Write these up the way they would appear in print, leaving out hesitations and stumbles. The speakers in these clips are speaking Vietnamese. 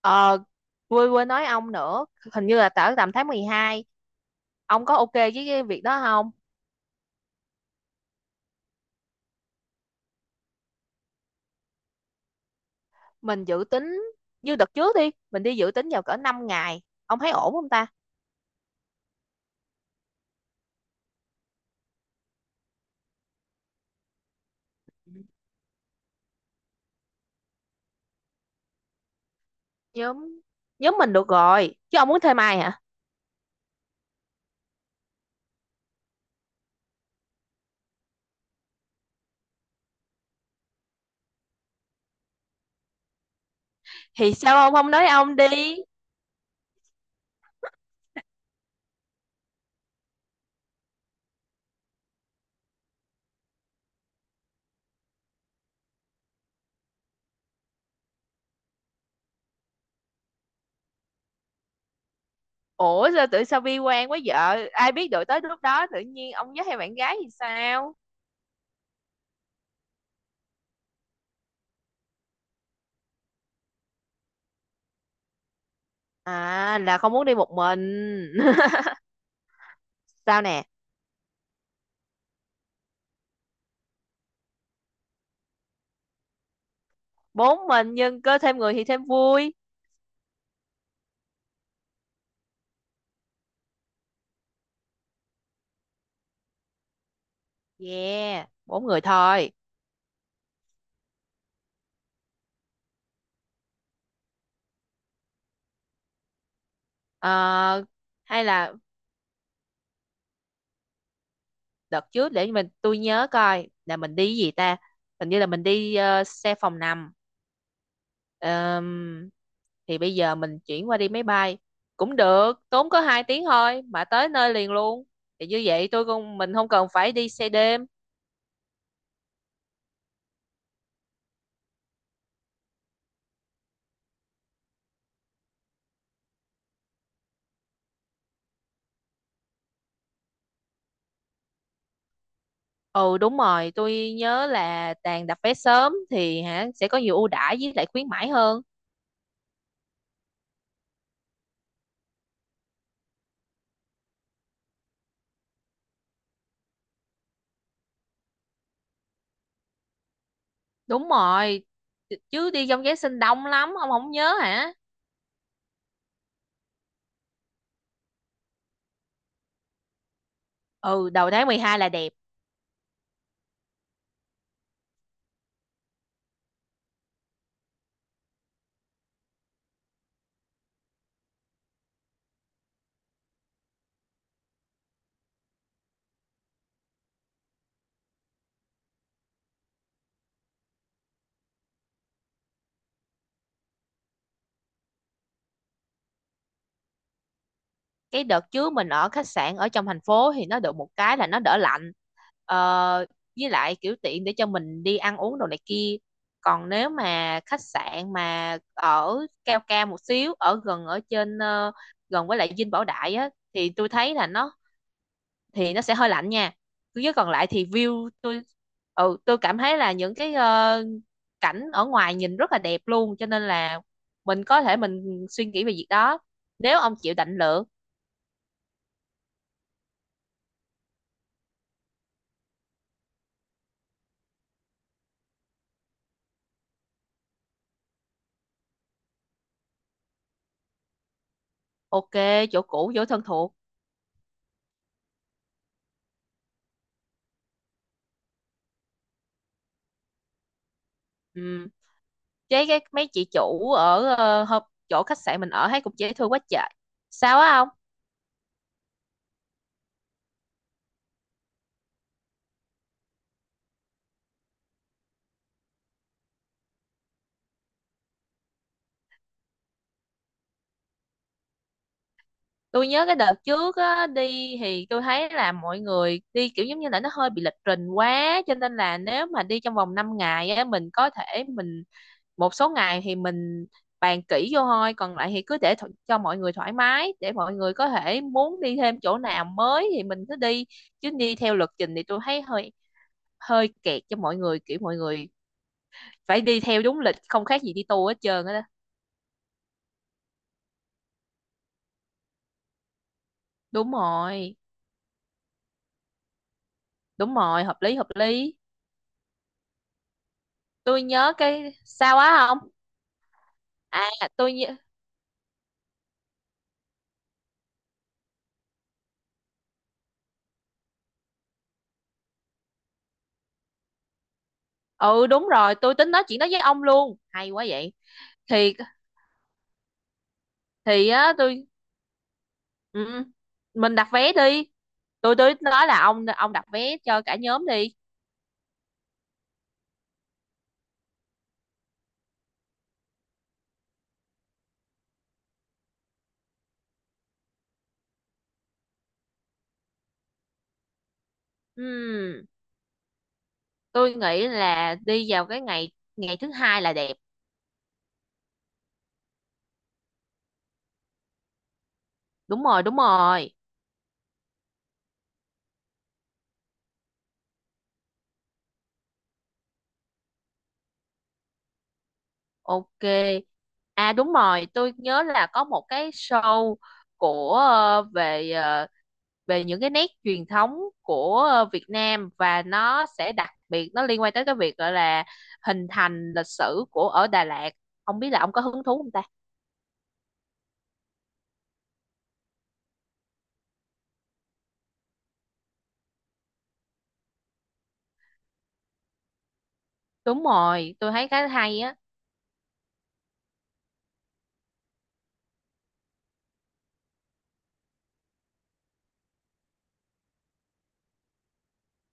Ờ, quên quên nói ông nữa, hình như là tầm tháng 12. Ông có ok với cái việc đó không? Mình dự tính như đợt trước đi, mình đi dự tính vào cỡ 5 ngày. Ông thấy ổn không ta? Nhóm nhóm mình được rồi, chứ ông muốn thêm ai hả? Thì sao ông không nói ông đi? Ủa sao tự sao bi quan quá vợ? Ai biết được tới lúc đó tự nhiên ông với hai bạn gái thì sao? À là không muốn đi một mình. Sao nè? Bốn mình nhưng có thêm người thì thêm vui. Yeah, bốn người thôi. Ờ, Hay là đợt trước, để tôi nhớ coi là mình đi cái gì ta? Hình như là mình đi xe phòng nằm. Ờm, thì bây giờ mình chuyển qua đi máy bay cũng được, tốn có 2 tiếng thôi mà tới nơi liền luôn. Thì như vậy tôi không mình không cần phải đi xe đêm. Ừ đúng rồi, tôi nhớ là Tàn đặt vé sớm thì hả sẽ có nhiều ưu đãi với lại khuyến mãi hơn. Đúng rồi, chứ đi trong Giáng sinh đông lắm, ông không nhớ hả? Ừ, đầu tháng 12 là đẹp. Cái đợt trước mình ở khách sạn ở trong thành phố thì nó được một cái là nó đỡ lạnh, ờ, với lại kiểu tiện để cho mình đi ăn uống đồ này kia. Còn nếu mà khách sạn mà ở cao cao một xíu, ở gần, ở trên, gần với lại Dinh Bảo Đại á, thì tôi thấy là nó, thì nó sẽ hơi lạnh nha. Chứ còn lại thì view tôi, tôi cảm thấy là những cái, cảnh ở ngoài nhìn rất là đẹp luôn, cho nên là mình có thể mình suy nghĩ về việc đó nếu ông chịu định lượng. Ok, chỗ cũ chỗ thân thuộc. Ừ. Chế cái mấy chị chủ ở, chỗ khách sạn mình ở thấy cũng dễ thương quá trời. Sao á ông? Tôi nhớ cái đợt trước á, đi thì tôi thấy là mọi người đi kiểu giống như là nó hơi bị lịch trình quá, cho nên là nếu mà đi trong vòng 5 ngày á, mình có thể mình một số ngày thì mình bàn kỹ vô thôi, còn lại thì cứ để cho mọi người thoải mái, để mọi người có thể muốn đi thêm chỗ nào mới thì mình cứ đi. Chứ đi theo lịch trình thì tôi thấy hơi, hơi kẹt cho mọi người, kiểu mọi người phải đi theo đúng lịch, không khác gì đi tour hết trơn á đó. Đúng rồi, đúng rồi, hợp lý, hợp lý. Tôi nhớ cái sao á không. À, tôi nhớ... Ừ đúng rồi, tôi tính nói chuyện đó với ông luôn, hay quá vậy. Thì thì á, tôi. Ừ, mình đặt vé đi. Tôi nói là ông đặt vé cho cả nhóm đi. Ừ, tôi nghĩ là đi vào cái ngày ngày thứ hai là đẹp. Đúng rồi, đúng rồi. Ok. À đúng rồi, tôi nhớ là có một cái show của, về, ờ, về những cái nét truyền thống của, Việt Nam, và nó sẽ đặc biệt, nó liên quan tới cái việc gọi là hình thành lịch sử của ở Đà Lạt. Không biết là ông có hứng thú không ta. Đúng rồi, tôi thấy cái hay á.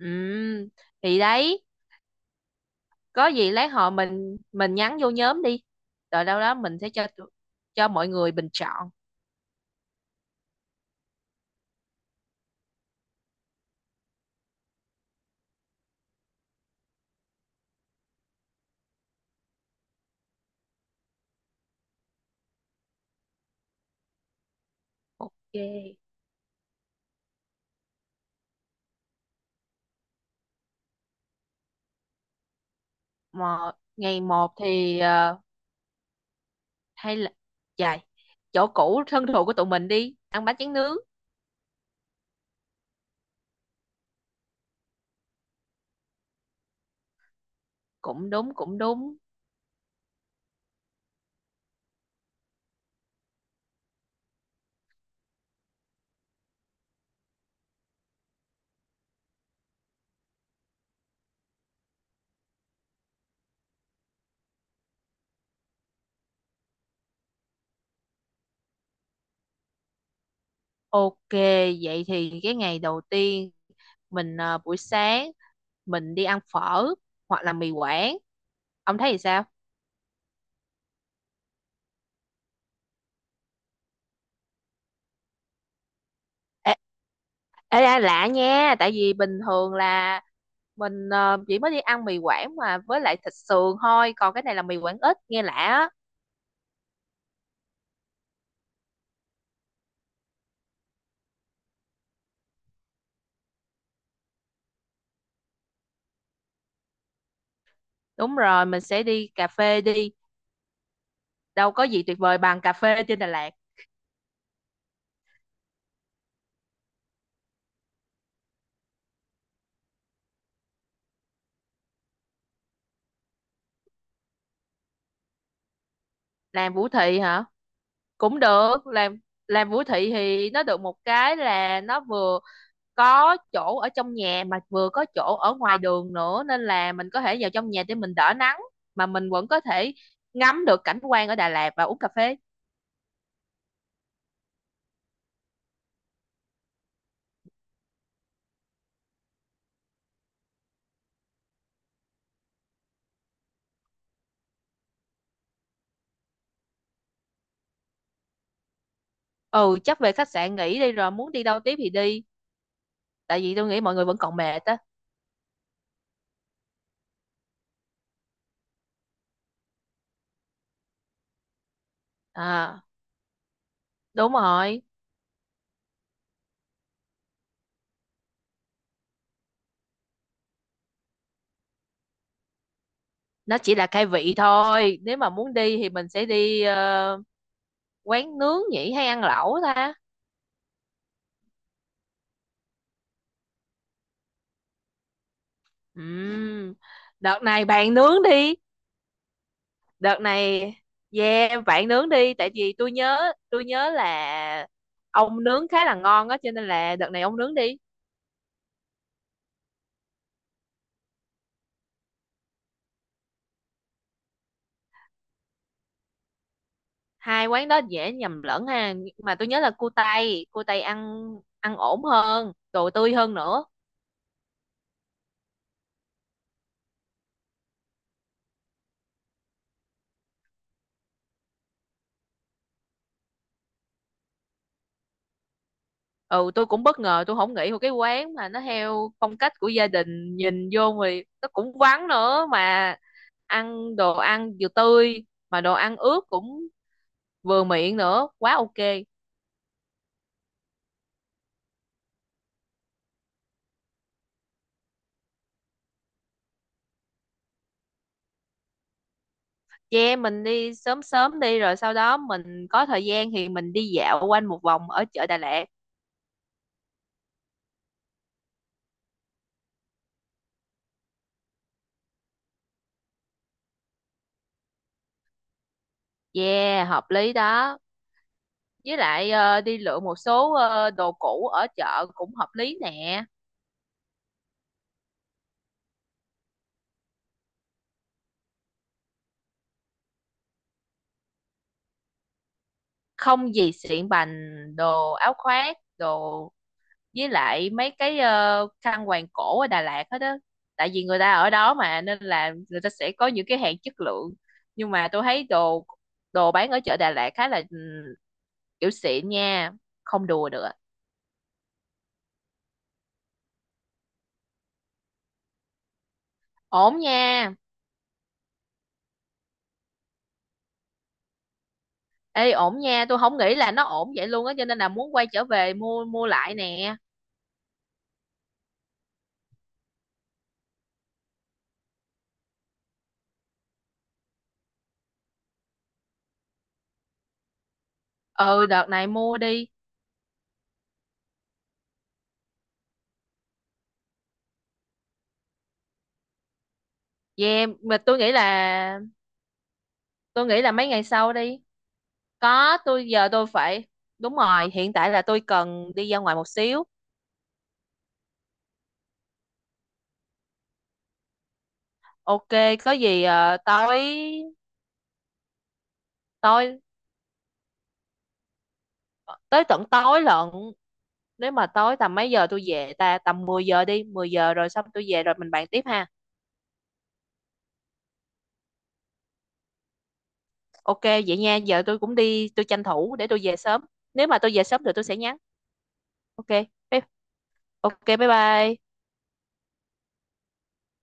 Ừ, thì đấy, có gì lát họ mình nhắn vô nhóm đi. Rồi đâu đó mình sẽ cho cho mọi người bình chọn. Ok. Mà ngày một thì, hay là dài chỗ cũ thân thuộc của tụi mình đi, ăn bánh tráng nướng. Cũng đúng, cũng đúng. Ok, vậy thì cái ngày đầu tiên mình, buổi sáng mình đi ăn phở hoặc là mì quảng. Ông thấy thì sao? Ê, ê, ê, lạ nha, tại vì bình thường là mình, chỉ mới đi ăn mì Quảng mà với lại thịt sườn thôi, còn cái này là mì Quảng ít nghe lạ á. Đúng rồi, mình sẽ đi cà phê đi, đâu có gì tuyệt vời bằng cà phê trên Đà Lạt. Làm Vũ Thị hả? Cũng được, làm Vũ Thị thì nó được một cái là nó vừa có chỗ ở trong nhà mà vừa có chỗ ở ngoài đường nữa, nên là mình có thể vào trong nhà để mình đỡ nắng, mà mình vẫn có thể ngắm được cảnh quan ở Đà Lạt và uống cà phê. Ừ, chắc về khách sạn nghỉ đi, rồi muốn đi đâu tiếp thì đi, tại vì tôi nghĩ mọi người vẫn còn mệt á. À đúng rồi, nó chỉ là khai vị thôi, nếu mà muốn đi thì mình sẽ đi, quán nướng nhỉ, hay ăn lẩu ta? Ừm, Đợt này bạn nướng đi. Đợt này, yeah, bạn nướng đi, tại vì tôi nhớ, là ông nướng khá là ngon á, cho nên là đợt này ông nướng đi. Hai quán đó dễ nhầm lẫn ha. Mà tôi nhớ là cua tay, ăn, ổn hơn, đồ tươi hơn nữa. Ừ tôi cũng bất ngờ, tôi không nghĩ một cái quán mà nó theo phong cách của gia đình, nhìn vô thì nó cũng vắng nữa mà ăn đồ ăn vừa tươi mà đồ ăn ướt cũng vừa miệng nữa, quá ok. Che mình đi sớm sớm đi, rồi sau đó mình có thời gian thì mình đi dạo quanh một vòng ở chợ Đà Lạt. Yeah, hợp lý đó. Với lại, đi lựa một số, đồ cũ ở chợ cũng hợp lý nè. Không, gì xịn bành, đồ áo khoác đồ, với lại mấy cái, khăn quàng cổ ở Đà Lạt hết đó, tại vì người ta ở đó mà, nên là người ta sẽ có những cái hàng chất lượng. Nhưng mà tôi thấy đồ, đồ bán ở chợ Đà Lạt khá là, kiểu xịn nha, không đùa được. Ổn nha. Ê ổn nha, tôi không nghĩ là nó ổn vậy luôn á, cho nên là muốn quay trở về mua, lại nè. Ừ, đợt này mua đi. Yeah, mà tôi nghĩ là, mấy ngày sau đi. Có tôi Giờ tôi phải, đúng rồi, hiện tại là tôi cần đi ra ngoài một xíu. Ok, có gì à, tối tối tới tận tối lận. Nếu mà tối tầm mấy giờ tôi về ta, tầm 10 giờ đi, 10 giờ rồi xong tôi về rồi mình bàn tiếp ha. Ok vậy nha, giờ tôi cũng đi, tôi tranh thủ để tôi về sớm. Nếu mà tôi về sớm thì tôi sẽ nhắn. Ok. bye- Ok bye bye.